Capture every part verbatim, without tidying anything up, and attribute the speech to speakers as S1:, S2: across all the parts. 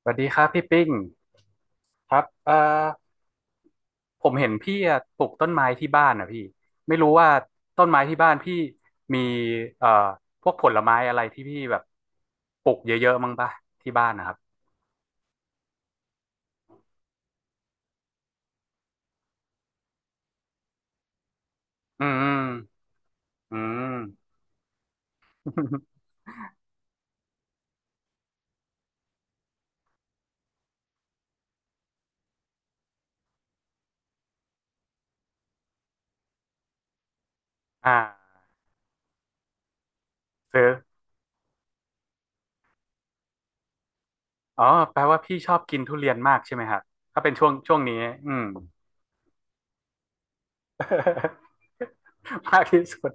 S1: สวัสดีครับพี่ปิ้งครับเอ่อผมเห็นพี่อะปลูกต้นไม้ที่บ้านนะพี่ไม่รู้ว่าต้นไม้ที่บ้านพี่มีเอ่อพวกผลไม้อะไรที่พี่แบบปลูกเยอะๆมั้งปะที่บ้านนะครับอืมอืม อ่าซื้ออ๋อแปลว่าพี่ชอบกินทุเรียนมากใช่ไหมครับถ้าเป็นช่วงช่วงนี้อืม มากที่สุด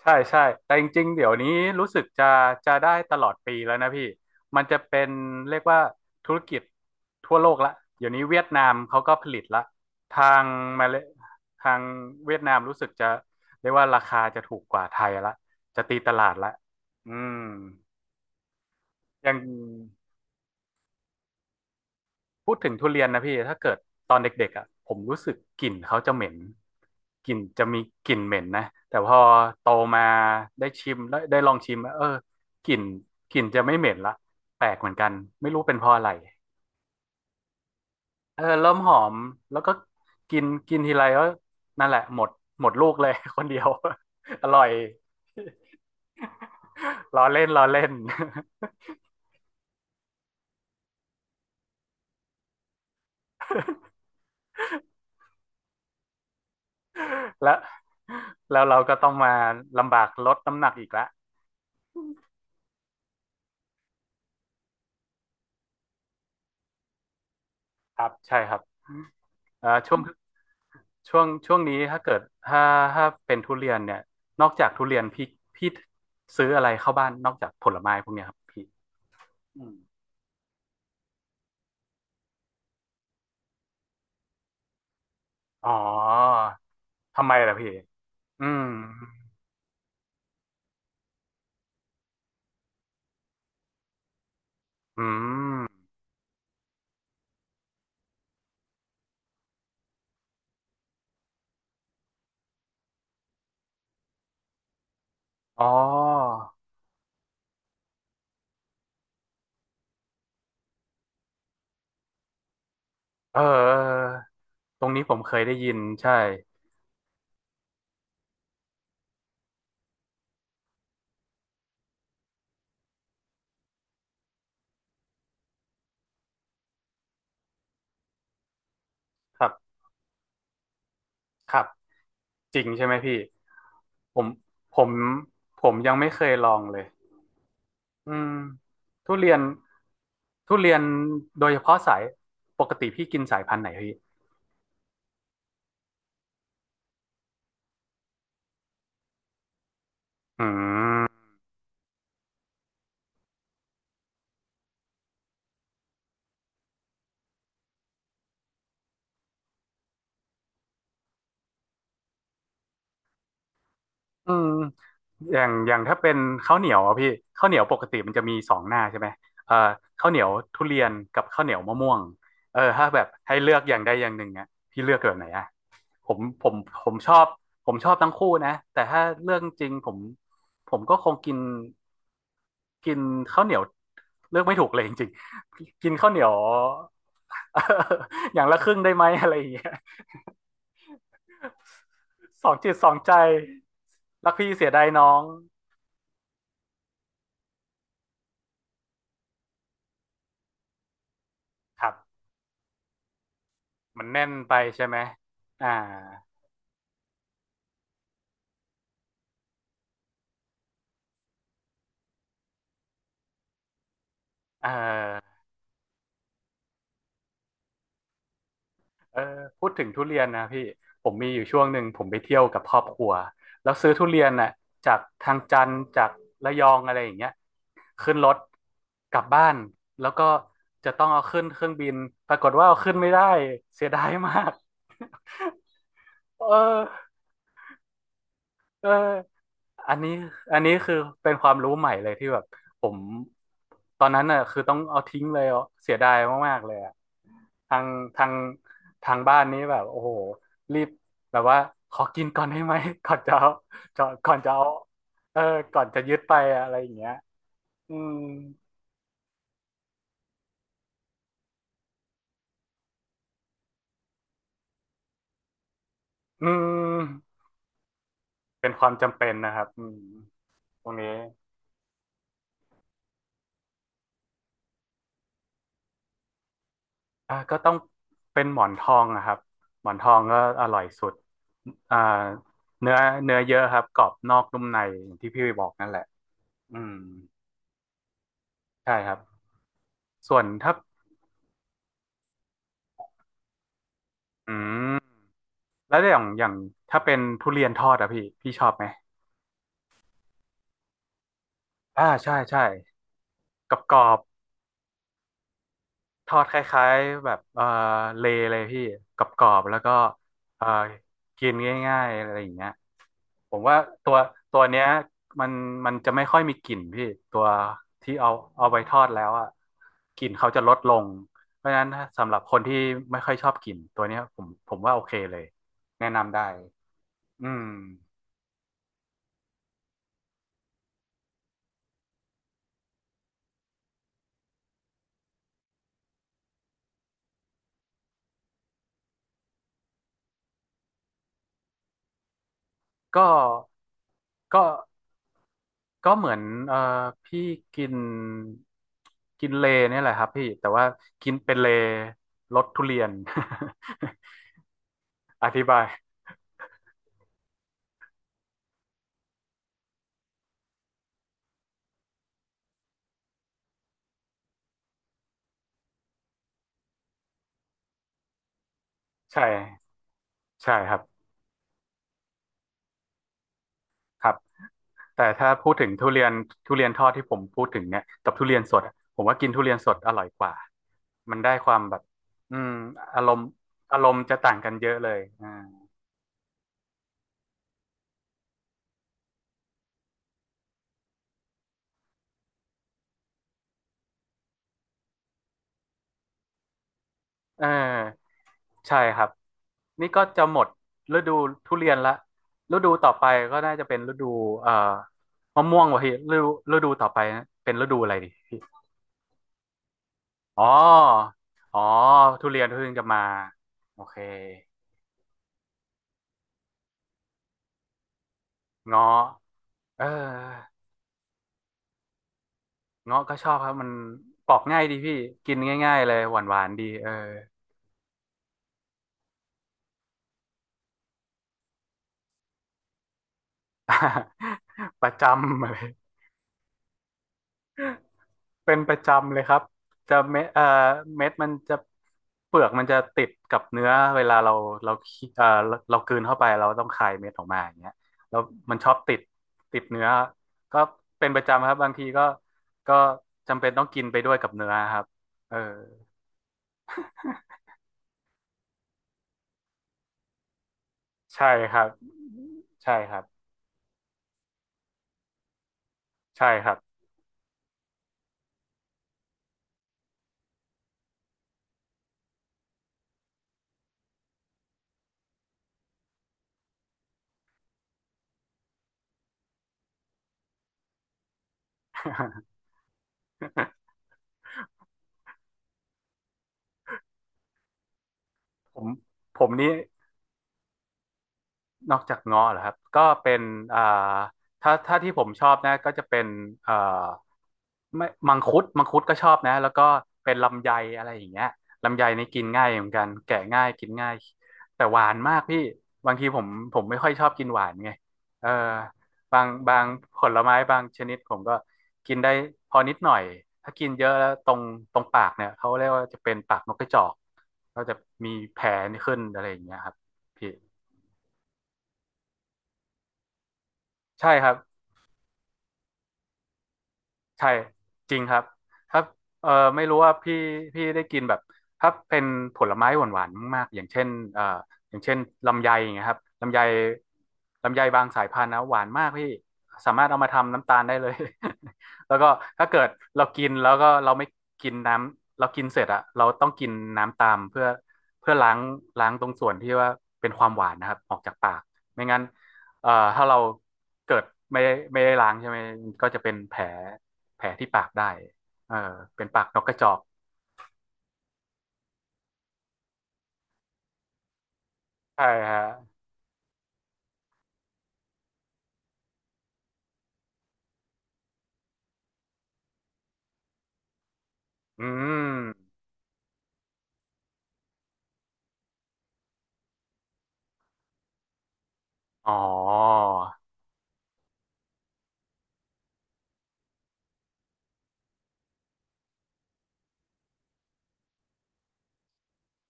S1: ใช่ใช่แต่จริงๆเดี๋ยวนี้รู้สึกจะจะได้ตลอดปีแล้วนะพี่มันจะเป็นเรียกว่าธุรกิจทั่วโลกละเดี๋ยวนี้เวียดนามเขาก็ผลิตละทางมาเลทางเวียดนามรู้สึกจะเรียกว่าราคาจะถูกกว่าไทยละจะตีตลาดละอืมยัง พูดถึงทุเรียนนะพี่ถ้าเกิดตอนเด็กๆอ่ะผมรู้สึกกลิ่นเขาจะเหม็นกลิ่นจะมีกลิ่นเหม็นนะแต่พอโตมาได้ชิมได้ได้ลองชิมเออกลิ่นกลิ่นจะไม่เหม็นละแปลกเหมือนกันไม่รู้เป็นเพราะอะไรเออเริ่มหอมแล้วก็กินกินทีไรก็นั่นแหละหมดหมดลูกเลย คนเดียว อร่อยล้อเล่นล้อเล่น และแล้วเราก็ต้องมาลำบากลดน้ำหนักอีกแล้วครับใช่ครับเอ่อช่วง ช่วงช่วงนี้ถ้าเกิดถ้าถ้าเป็นทุเรียนเนี่ยนอกจากทุเรียนพี่พี่ซื้ออะไรเข้าบ้านนอกจากผลไม้พวกเนี้ยครับพี่อืมอ๋อทำไมล่ะพี่อืมอืมอ๋อเออเออตรงนี้ผมเคยได้ยินใช่ครับครับจริงใช่ไหมพี่ผมผมผมยังไม่เคยลองเลยอืมทุเรียนทุเรียนโดยเฉพาะสายปกติพี่กินสายพันธุ์ไหนพี่อืม อืมอย่างอย่างถ้าเป็นข้าวเหนียวอะพี่ข้าวเหนียวปกติมันจะมีสองหน้าใช่ไหมเอ่อข้าวเหนียวทุเรียนกับข้าวเหนียวมะม่วงเออถ้าแบบให้เลือกอย่างใดอย่างหนึ่งอะพี่เลือกแบบไหนอะผมผมผมชอบผมชอบทั้งคู่นะแต่ถ้าเรื่องจริงผมผมก็คงกินกินข้าวเหนียวเลือกไม่ถูกเลยจริงๆกินข้าวเหนียว อย่างละครึ่งได้ไหมอะไรอย่างเงี้ยสองจิตสองใจรักพี่เสียดายน้องครับ มันแน่นไปใช่ไหมอ่าเออเออพูดถึงทุเรียนนะพี่ ผมมีอยู่ช่วงหนึ่งผมไปเที่ยวกับครอบครัว แล้วซื้อทุเรียนน่ะจากทางจันทร์จากระยองอะไรอย่างเงี้ยขึ้นรถกลับบ้านแล้วก็จะต้องเอาขึ้นเครื่องบินปรากฏว่าเอาขึ้นไม่ได้เสียดายมาก เออ เอออันนี้อันนี้คือเป็นความรู้ใหม่เลยที่แบบผมตอนนั้นน่ะคือต้องเอาทิ้งเลยอ่ะเสียดายมากๆเลยอ่ะทางทางทางบ้านนี้แบบโอ้โหรีบแบบว่าขอกินก่อนได้ไหม ก่อนจะเอาจะก่อนจะเอาเออก่อนจะยึดไปอะไรอย่างเงี้ยอืมอืมเป็นความจำเป็นนะครับอืมตรงนี้ อ่ะก็ต้องเป็นหมอนทองนะครับหมอนทองก็อร่อยสุดอ่าเนื้อเนื้อเยอะครับกรอบนอกนุ่มในอย่างที่พี่บอกนั่นแหละอืมใช่ครับส่วนถ้าอืมแล้วอย่างอย่างถ้าเป็นทุเรียนทอดอะพี่พี่ชอบไหมอ่าใช่ใช่กรอบกรอบ ทอดคล้ายๆแบบเออเลเลยพี่กรอบๆแล้วก็เออกินง่ายๆอะไรอย่างเงี้ยผมว่าตัวตัวเนี้ยมันมันจะไม่ค่อยมีกลิ่นพี่ตัวที่เอาเอาไปทอดแล้วอ่ะกลิ่นเขาจะลดลงเพราะฉะนั้นสำหรับคนที่ไม่ค่อยชอบกลิ่นตัวเนี้ยผมผมว่าโอเคเลยแนะนำได้อืมก็ก็ ก็เหมือนเอ่อพี่กินกินเลเนี่ยแหละครับพี่แต่ว่ากินเป็นเลรสทุเรียน อธิบายใช่ใช่ครับครับแต่ถ้าพูดถึงทุเรียนทุเรียนทอดที่ผมพูดถึงเนี่ยกับทุเรียนสดอะผมว่ากินทุเรียนสดอร่อยกว่ามันได้ความแบบอืมอารมณ์อารมณ์จะต่างกันเยอะเลยอ่าเออใช่ครับ นี่ก็จะหมดฤดูทุเรียนละฤดูต่อไปก็น่าจะเป็นฤดูเอ่อมะม่วงวะพี่ฤดูฤดูต่อไปเป็นฤดูอะไรดิอ๋ออ๋อทุเรียนเพิ่งจะมาโอเคเงาะเออเงาะก็ชอบครับมันปอกง่ายดีพี่กินง่ายๆเลยหวานๆดีเออ ประจำเลย เป็นประจำเลยครับจะเม็ดเอ่อเม็ดมันจะเปลือกมันจะติดกับเนื้อเวลาเราเราเคี้เอ่อเราเรากลืนเข้าไปเราต้องคายเม็ดออกมาอย่างเงี้ยแล้วมันชอบติดติดเนื้อก็เป็นประจำครับบางทีก็ก็จำเป็นต้องกินไปด้วยกับเนื้อครับเออใช่ครับใช่ครับใช่ครับ ผมผมนี่ นอกจากเงาะเหรอครับก็เป็นอ่าถ้าถ้าที่ผมชอบนะก็จะเป็นเอ่อไม่มังคุดมังคุดก็ชอบนะแล้วก็เป็นลำไยอะไรอย่างเงี้ยลำไยนี่กินง่ายเหมือนกันแกะง่ายกินง่ายแต่หวานมากพี่บางทีผมผมไม่ค่อยชอบกินหวานไงเออบางบางผลไม้บางชนิดผมก็กินได้พอนิดหน่อยถ้ากินเยอะแล้วตรงตรงปากเนี่ยเขาเรียกว่าจะเป็นปากนกกระจอกก็จะมีแผลขึ้นอะไรอย่างเงี้ยครับพี่ใช่ครับ ใช่จริงครับถ้าเออไม่รู้ว่าพี่พี่ได้กินแบบถ้าเป็นผลไม้หวานๆมากๆอย่างเช่นเอ่ออย่างเช่นลำไยอย่างเงี้ยครับลำไยลำไยบางสายพันธุ์นะหวานมากพี่สามารถเอามาทำน้ำตาลได้เลย แล้วก็ถ้าเกิดเรากินแล้วก็เราไม่กินน้ำเรากินเสร็จอะเราต้องกินน้ำตามเพื่อเพื่อล้างล้างตรงส่วนที่ว่าเป็นความหวานนะครับออกจากปากไม่งั้นเอ่อถ้าเราเกิดไม่ได้ไม่ได้ล้างใช่ไหมก็จะเป็นแผล แผลที่ปากได้เออเป็นปากนกกระจอกใช่ฮะอืมอ๋อ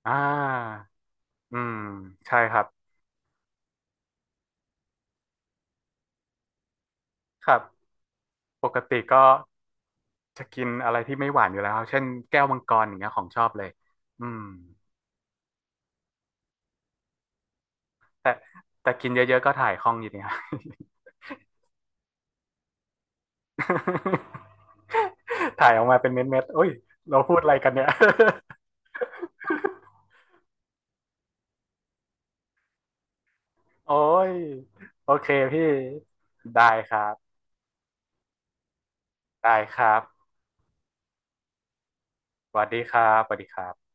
S1: อ่าอืม ใช่ครับครับ ปกติก็จะกินอะไรที่ไม่หวานอยู่แล้วครับเช่นแก้วมังกรอย่างเงี้ยของชอบเลยอืมแต่แต่กินเยอะๆก็ถ่ายคล่องอยู่ดีครับ ถ่ายออกมาเป็นเม็ดๆโอ้ยเราพูดอะไรกันเนี่ย โอ้ยโอเคพี่ได้ครับ ได้ครับสวัสดีครับสวัสดีครับ